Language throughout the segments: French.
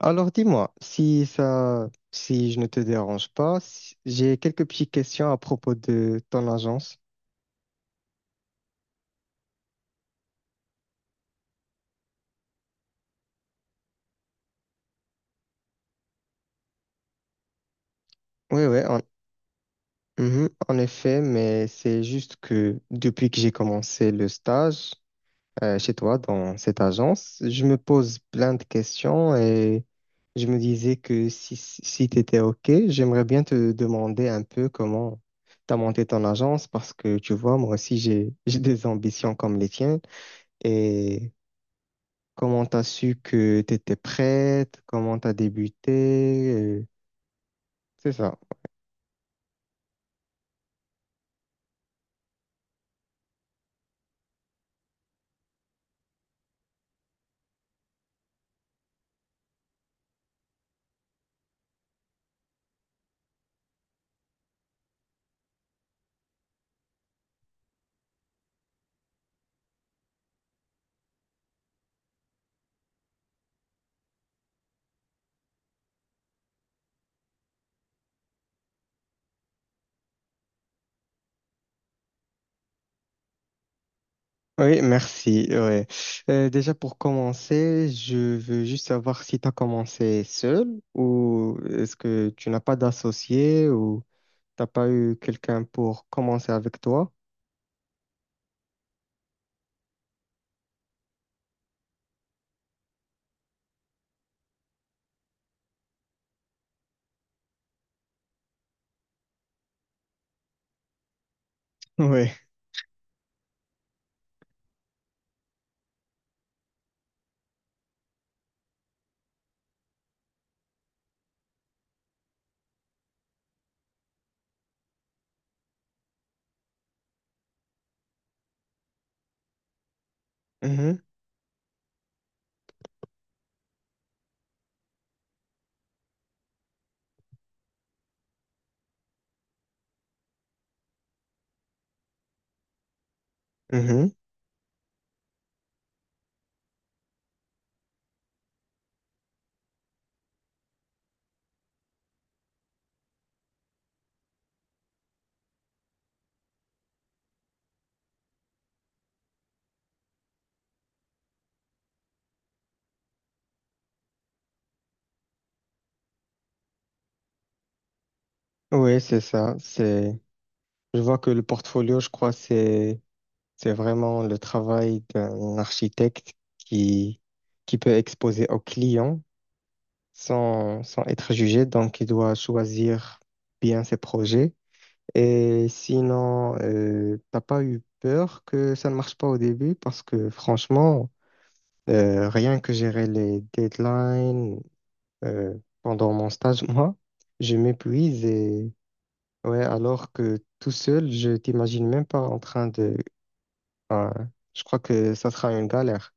Alors dis-moi, si ça, si je ne te dérange pas, j'ai quelques petites questions à propos de ton agence. Oui, oui, mhm, en effet, mais c'est juste que depuis que j'ai commencé le stage chez toi dans cette agence, je me pose plein de questions et je me disais que si tu étais OK, j'aimerais bien te demander un peu comment tu as monté ton agence parce que tu vois, moi aussi j'ai des ambitions comme les tiennes. Et comment t'as su que t'étais prête? Comment t'as débuté? C'est ça. Oui, merci. Ouais. Déjà pour commencer, je veux juste savoir si t'as commencé seul ou est-ce que tu n'as pas d'associé ou t'as pas eu quelqu'un pour commencer avec toi? Oui. Oui, c'est ça. C'est. Je vois que le portfolio, je crois, c'est vraiment le travail d'un architecte qui qui peut exposer aux clients, sans être jugé. Donc, il doit choisir bien ses projets. Et sinon, t'as pas eu peur que ça ne marche pas au début parce que franchement, rien que gérer les deadlines euh, pendant mon stage, moi, je m'épuise et ouais, alors que tout seul, je t'imagine même pas en train de. Ah, je crois que ça sera une galère.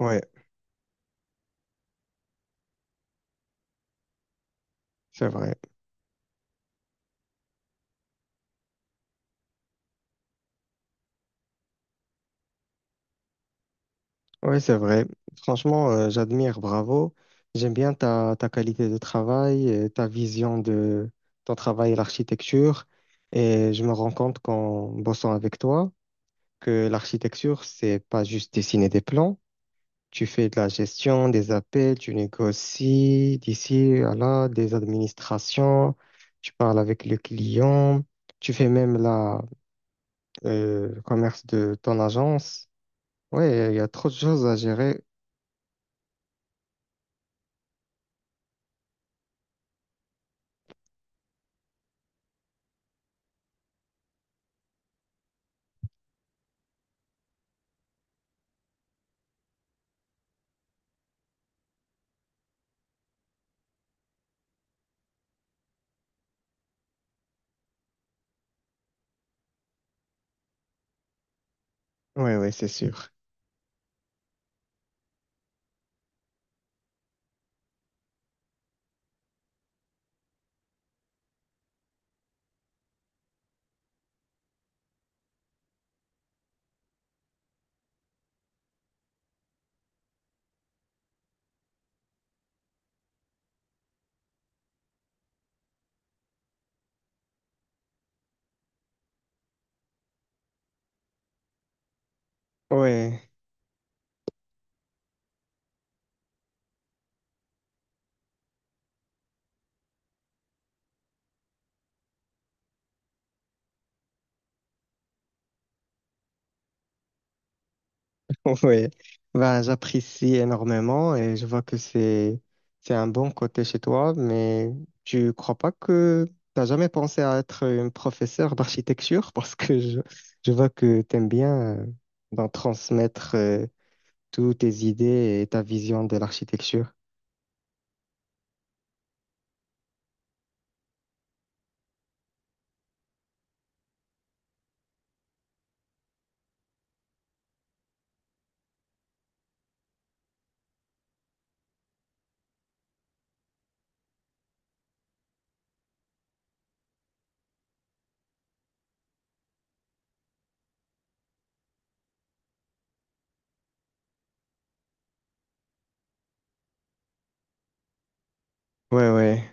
Ouais, c'est vrai. Oui, c'est vrai. Franchement, j'admire, bravo. J'aime bien ta qualité de travail, et ta vision de ton travail et l'architecture. Et je me rends compte qu'en bossant avec toi, que l'architecture, c'est pas juste dessiner des plans. Tu fais de la gestion, des appels, tu négocies d'ici à là, des administrations, tu parles avec le client, tu fais même le commerce de ton agence. Oui, il y a trop de choses à gérer. Oui, oui, c'est sûr. Ouais, ouais. Ben, j'apprécie énormément et je vois que c'est un bon côté chez toi, mais tu crois pas que t'as jamais pensé à être une professeure d'architecture parce que je vois que t'aimes bien d'en transmettre toutes tes idées et ta vision de l'architecture. Ouais, ouais,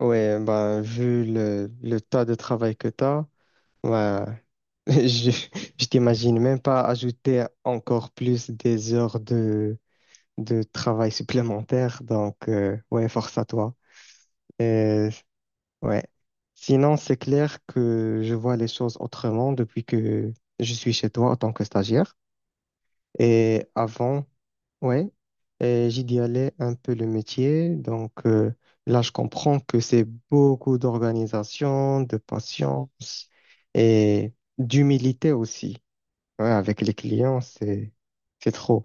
ouais. Ben, vu le tas de travail que t'as, ben, je, je t'imagine même pas ajouter encore plus des heures de travail supplémentaire. Donc, ouais, force à toi. Et ouais. Sinon, c'est clair que je vois les choses autrement depuis que je suis chez toi en tant que stagiaire. Et avant, ouais, et j'idéalais un peu le métier. Donc, là, je comprends que c'est beaucoup d'organisation, de patience et d'humilité aussi. Ouais, avec les clients, c'est trop.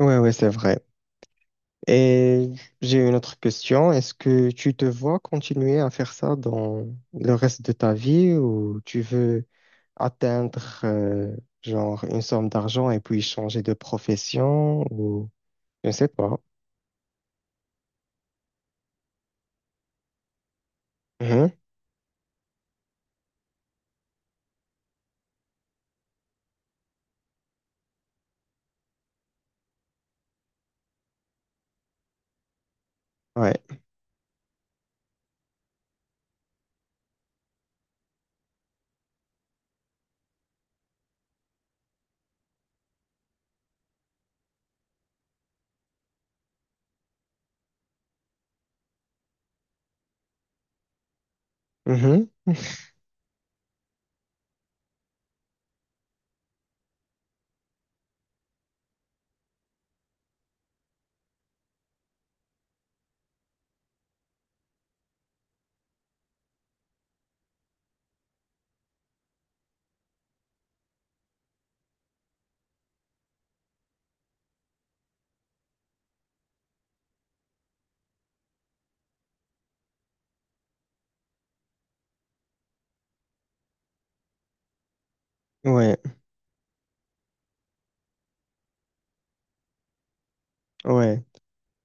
Ouais, ouais, c'est vrai. Et j'ai une autre question. Est-ce que tu te vois continuer à faire ça dans le reste de ta vie ou tu veux atteindre euh, genre une somme d'argent et puis changer de profession ou je ne sais pas. Mhm. Ouais. Mhm. Ouais. Ouais.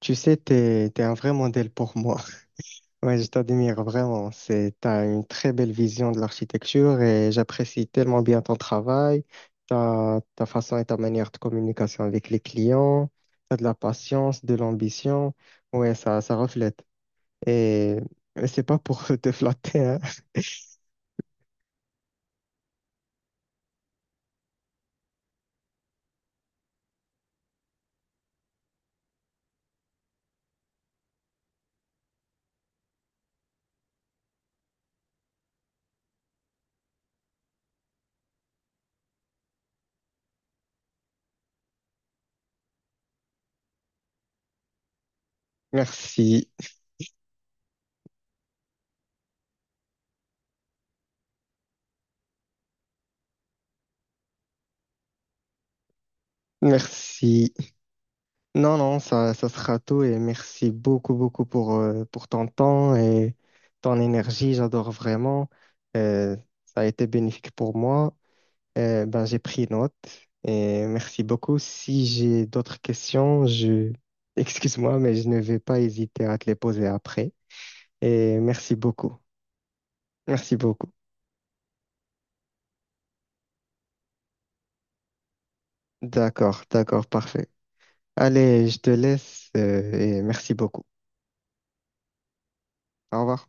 Tu sais, t'es un vrai modèle pour moi. Ouais, je t'admire vraiment. C'est, t'as une très belle vision de l'architecture et j'apprécie tellement bien ton travail, ta façon et ta manière de communication avec les clients. T'as de la patience, de l'ambition. Ouais, ça reflète. Et et c'est pas pour te flatter, hein. Merci, merci. Non, non, ça sera tout et merci beaucoup, beaucoup pour ton temps et ton énergie. J'adore vraiment. Euh, Ça a été bénéfique pour moi. Ben, j'ai pris note et merci beaucoup. Si j'ai d'autres questions, je... Excuse-moi, mais je ne vais pas hésiter à te les poser après. Et merci beaucoup. Merci beaucoup. D'accord, d'accord, parfait. Allez, je te laisse et merci beaucoup. Au revoir.